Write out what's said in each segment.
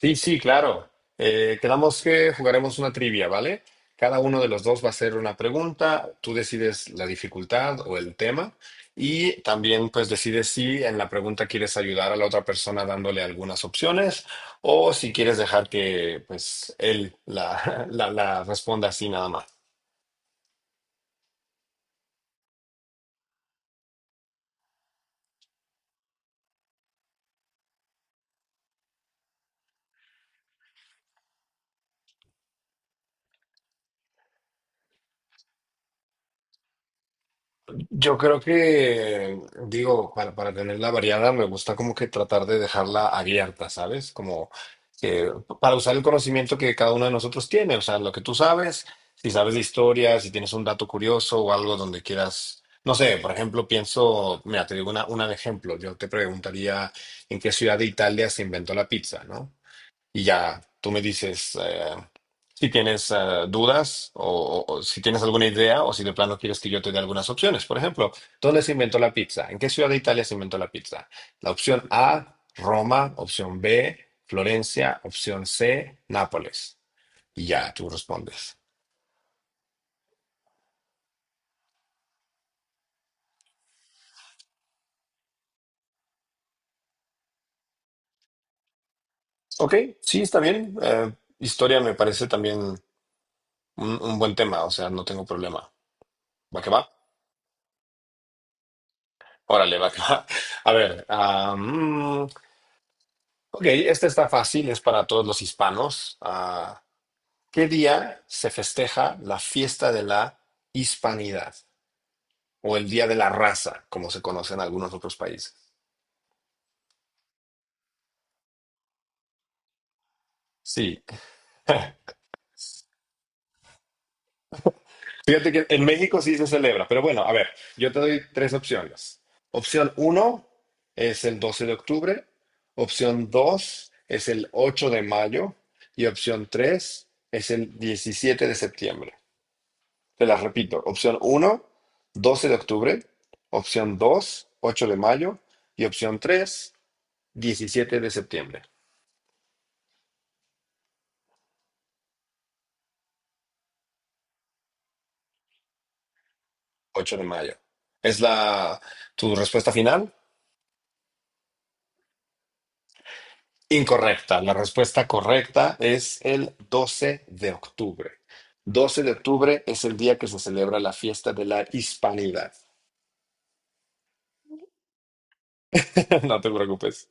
Sí, sí, claro. Quedamos que jugaremos una trivia, ¿vale? Cada uno de los dos va a hacer una pregunta, tú decides la dificultad o el tema y también pues decides si en la pregunta quieres ayudar a la otra persona dándole algunas opciones o si quieres dejar que pues él la responda así nada más. Yo creo que, digo, para tenerla variada, me gusta como que tratar de dejarla abierta, ¿sabes? Como que para usar el conocimiento que cada uno de nosotros tiene, o sea, lo que tú sabes, si sabes de historia, si tienes un dato curioso o algo donde quieras, no sé, por ejemplo, pienso, mira, te digo una de ejemplo, yo te preguntaría en qué ciudad de Italia se inventó la pizza, ¿no? Y ya tú me dices, si tienes dudas o si tienes alguna idea o si de plano quieres que yo te dé algunas opciones. Por ejemplo, ¿dónde se inventó la pizza? ¿En qué ciudad de Italia se inventó la pizza? La opción A, Roma, opción B, Florencia, opción C, Nápoles. Y ya tú respondes. Ok, sí, está bien. Historia me parece también un buen tema, o sea, no tengo problema. ¿Va que va? Órale, va que va. A ver. Ok, esta está fácil, es para todos los hispanos. Ah, ¿qué día se festeja la fiesta de la hispanidad o el Día de la Raza, como se conoce en algunos otros países? Sí, fíjate que en México sí se celebra, pero bueno, a ver, yo te doy tres opciones. Opción uno es el 12 de octubre, opción dos es el 8 de mayo y opción tres es el 17 de septiembre. Te las repito. Opción uno, 12 de octubre. Opción 2, 8 de mayo. Y opción 3, 17 de septiembre. 8 de mayo. ¿Es la tu respuesta final? Incorrecta. La respuesta correcta es el 12 de octubre. 12 de octubre es el día que se celebra la fiesta de la Hispanidad. No te preocupes.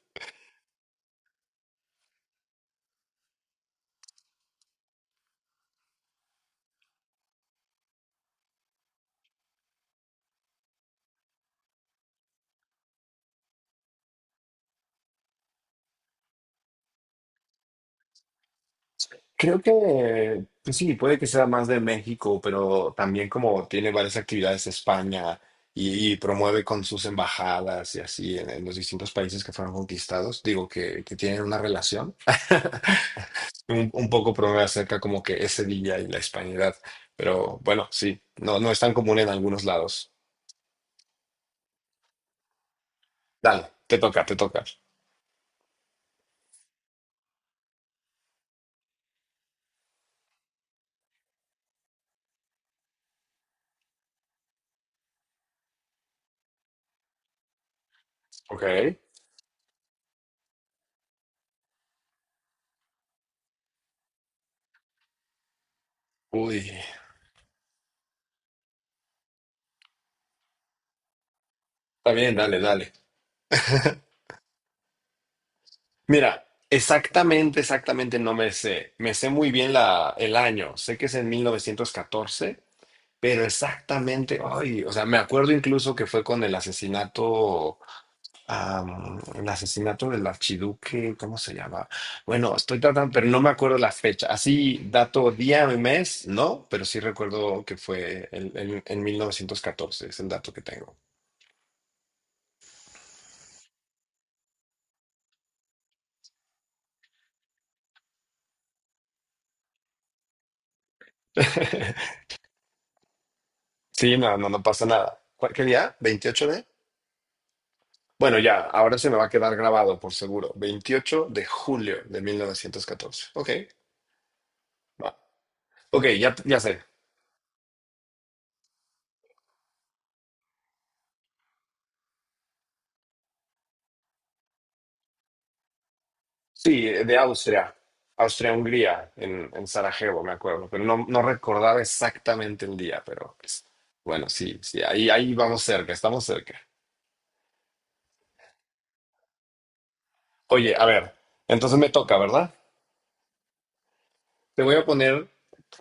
Creo que, pues sí, puede que sea más de México, pero también como tiene varias actividades España y promueve con sus embajadas y así en los distintos países que fueron conquistados, digo que tienen una relación. Un poco promueve acerca como que ese día y la hispanidad, pero bueno, sí, no, no es tan común en algunos lados. Dale, te toca, te toca. Ok. Uy, está bien, dale, dale. Mira, exactamente, exactamente no me sé. Me sé muy bien el año. Sé que es en 1914, pero exactamente, ay, o sea, me acuerdo incluso que fue con el asesinato del archiduque, ¿cómo se llama? Bueno, estoy tratando, pero no me acuerdo la fecha. Así, dato día y mes, no, pero sí recuerdo que fue en 1914, es el dato que tengo. Sí, no, no, no pasa nada. ¿Qué día? ¿28 de? Bueno, ya, ahora se me va a quedar grabado, por seguro. Veintiocho de julio de 1914. Ok, va. Ok, ya, ya sé. Sí, de Austria. Austria-Hungría, en Sarajevo, me acuerdo. Pero no, no recordaba exactamente el día, pero pues, bueno, sí, sí, ahí, ahí vamos cerca, estamos cerca. Oye, a ver, entonces me toca, ¿verdad? Te voy a poner,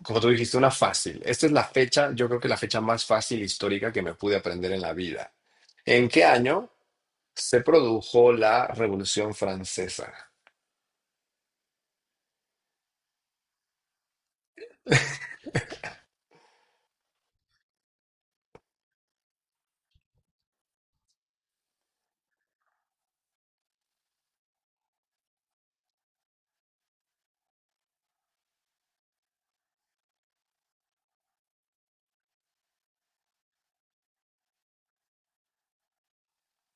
como tú dijiste, una fácil. Esta es la fecha, yo creo que la fecha más fácil histórica que me pude aprender en la vida. ¿En qué año se produjo la Revolución Francesa?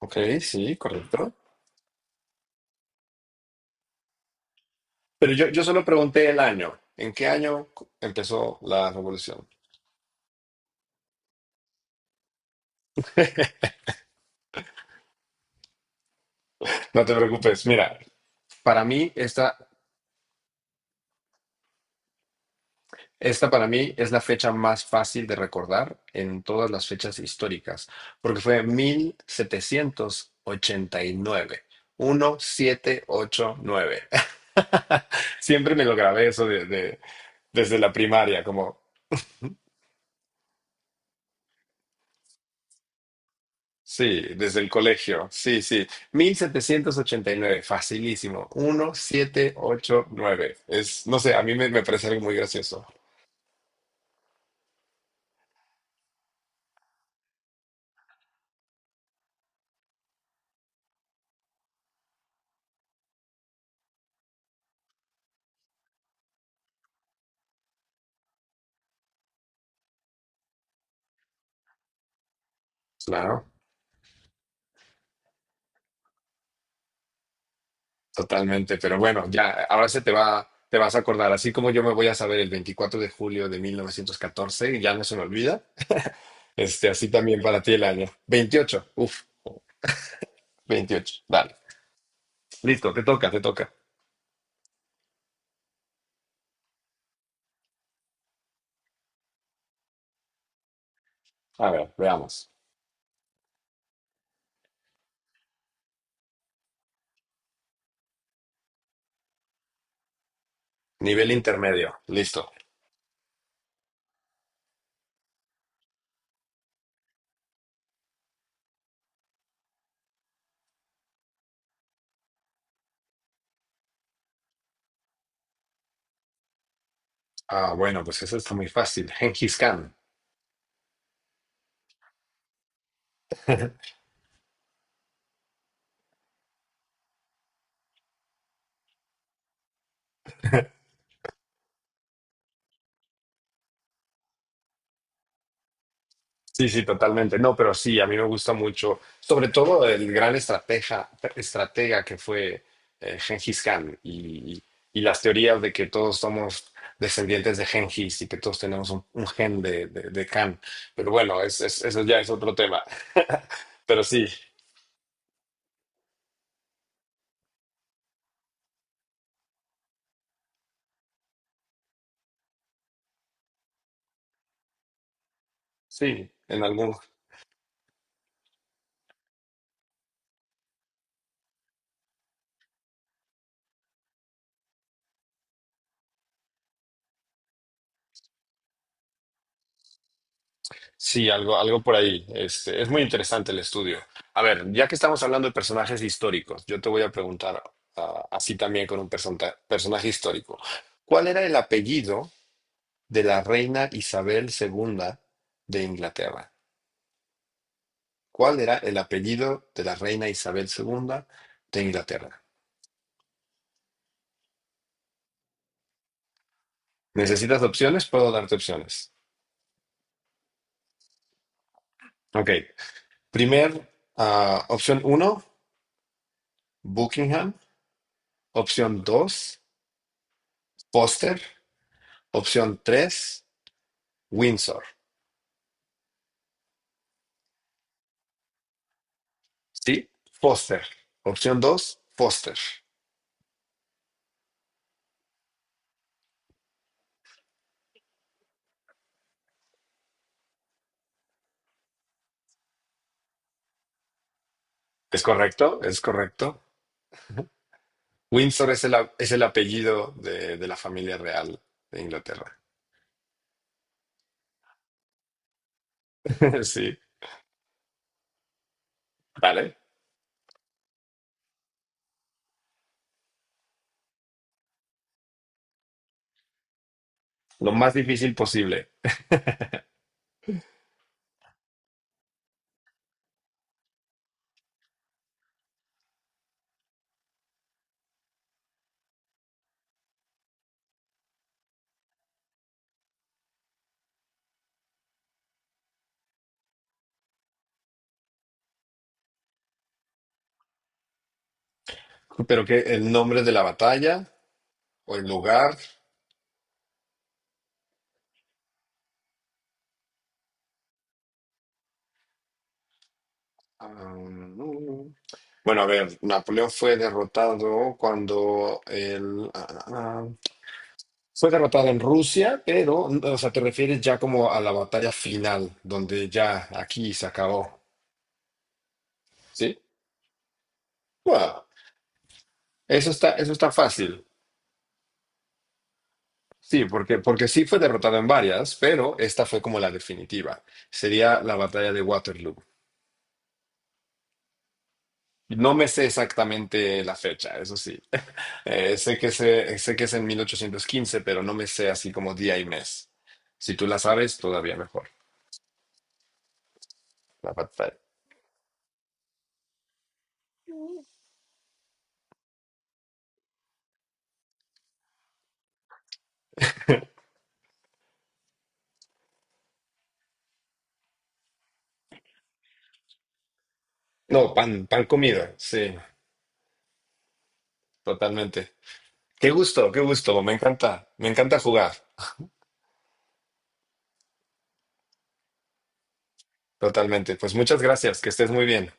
Ok, sí, correcto. Pero yo solo pregunté el año. ¿En qué año empezó la revolución? No te preocupes. Mira, para mí, esta para mí es la fecha más fácil de recordar en todas las fechas históricas, porque fue 1789. Nueve. 1789. Siempre me lo grabé eso desde la primaria, como, sí, desde el colegio. Sí, sí. Mil setecientos ochenta y nueve, facilísimo. 1789. Es, no sé, a mí me parece algo muy gracioso. Claro, totalmente. Pero bueno, ya, ahora te vas a acordar. Así como yo me voy a saber el 24 de julio de 1914 y ya no se me olvida. Este, así también para ti el año. 28, 28. Dale. Listo, te toca, te toca. A ver, veamos. Nivel intermedio, listo. Ah, bueno, pues eso está muy fácil. Genghis Khan. Sí, sí, totalmente. No, pero sí, a mí me gusta mucho, sobre todo el gran estratega que fue Gengis Khan y las teorías de que todos somos descendientes de Gengis y que todos tenemos un gen de Khan. Pero bueno, eso ya es otro tema. Pero sí, sí, en algún. Sí, algo, algo por ahí. Este, es muy interesante el estudio. A ver, ya que estamos hablando de personajes históricos, yo te voy a preguntar así también con un personaje histórico. ¿Cuál era el apellido de la reina Isabel II de Inglaterra? ¿Cuál era el apellido de la reina Isabel II de Inglaterra? ¿Necesitas opciones? Puedo darte opciones. Ok. Primer, Opción uno, Buckingham. Opción 2, Foster. Opción 3. Windsor. ¿Sí? Foster. Opción 2, Foster. ¿Es correcto? Es correcto. Windsor es el apellido de la familia real de Inglaterra. Sí, vale. Lo más difícil posible. Pero que el nombre de la batalla o el lugar. No, no. Bueno, a ver, Napoleón fue derrotado cuando el... ah, ah, ah, Fue derrotada en Rusia, pero, o sea, te refieres ya como a la batalla final, donde ya aquí se acabó, ¿sí? Bueno, eso está fácil. Sí, porque sí fue derrotada en varias, pero esta fue como la definitiva. Sería la batalla de Waterloo. No me sé exactamente la fecha, eso sí. Sé que es en 1815, pero no me sé así como día y mes. Si tú la sabes, todavía mejor. La batalla. No, pan comido, sí, totalmente. Qué gusto, qué gusto. Me encanta jugar. Totalmente. Pues muchas gracias. Que estés muy bien.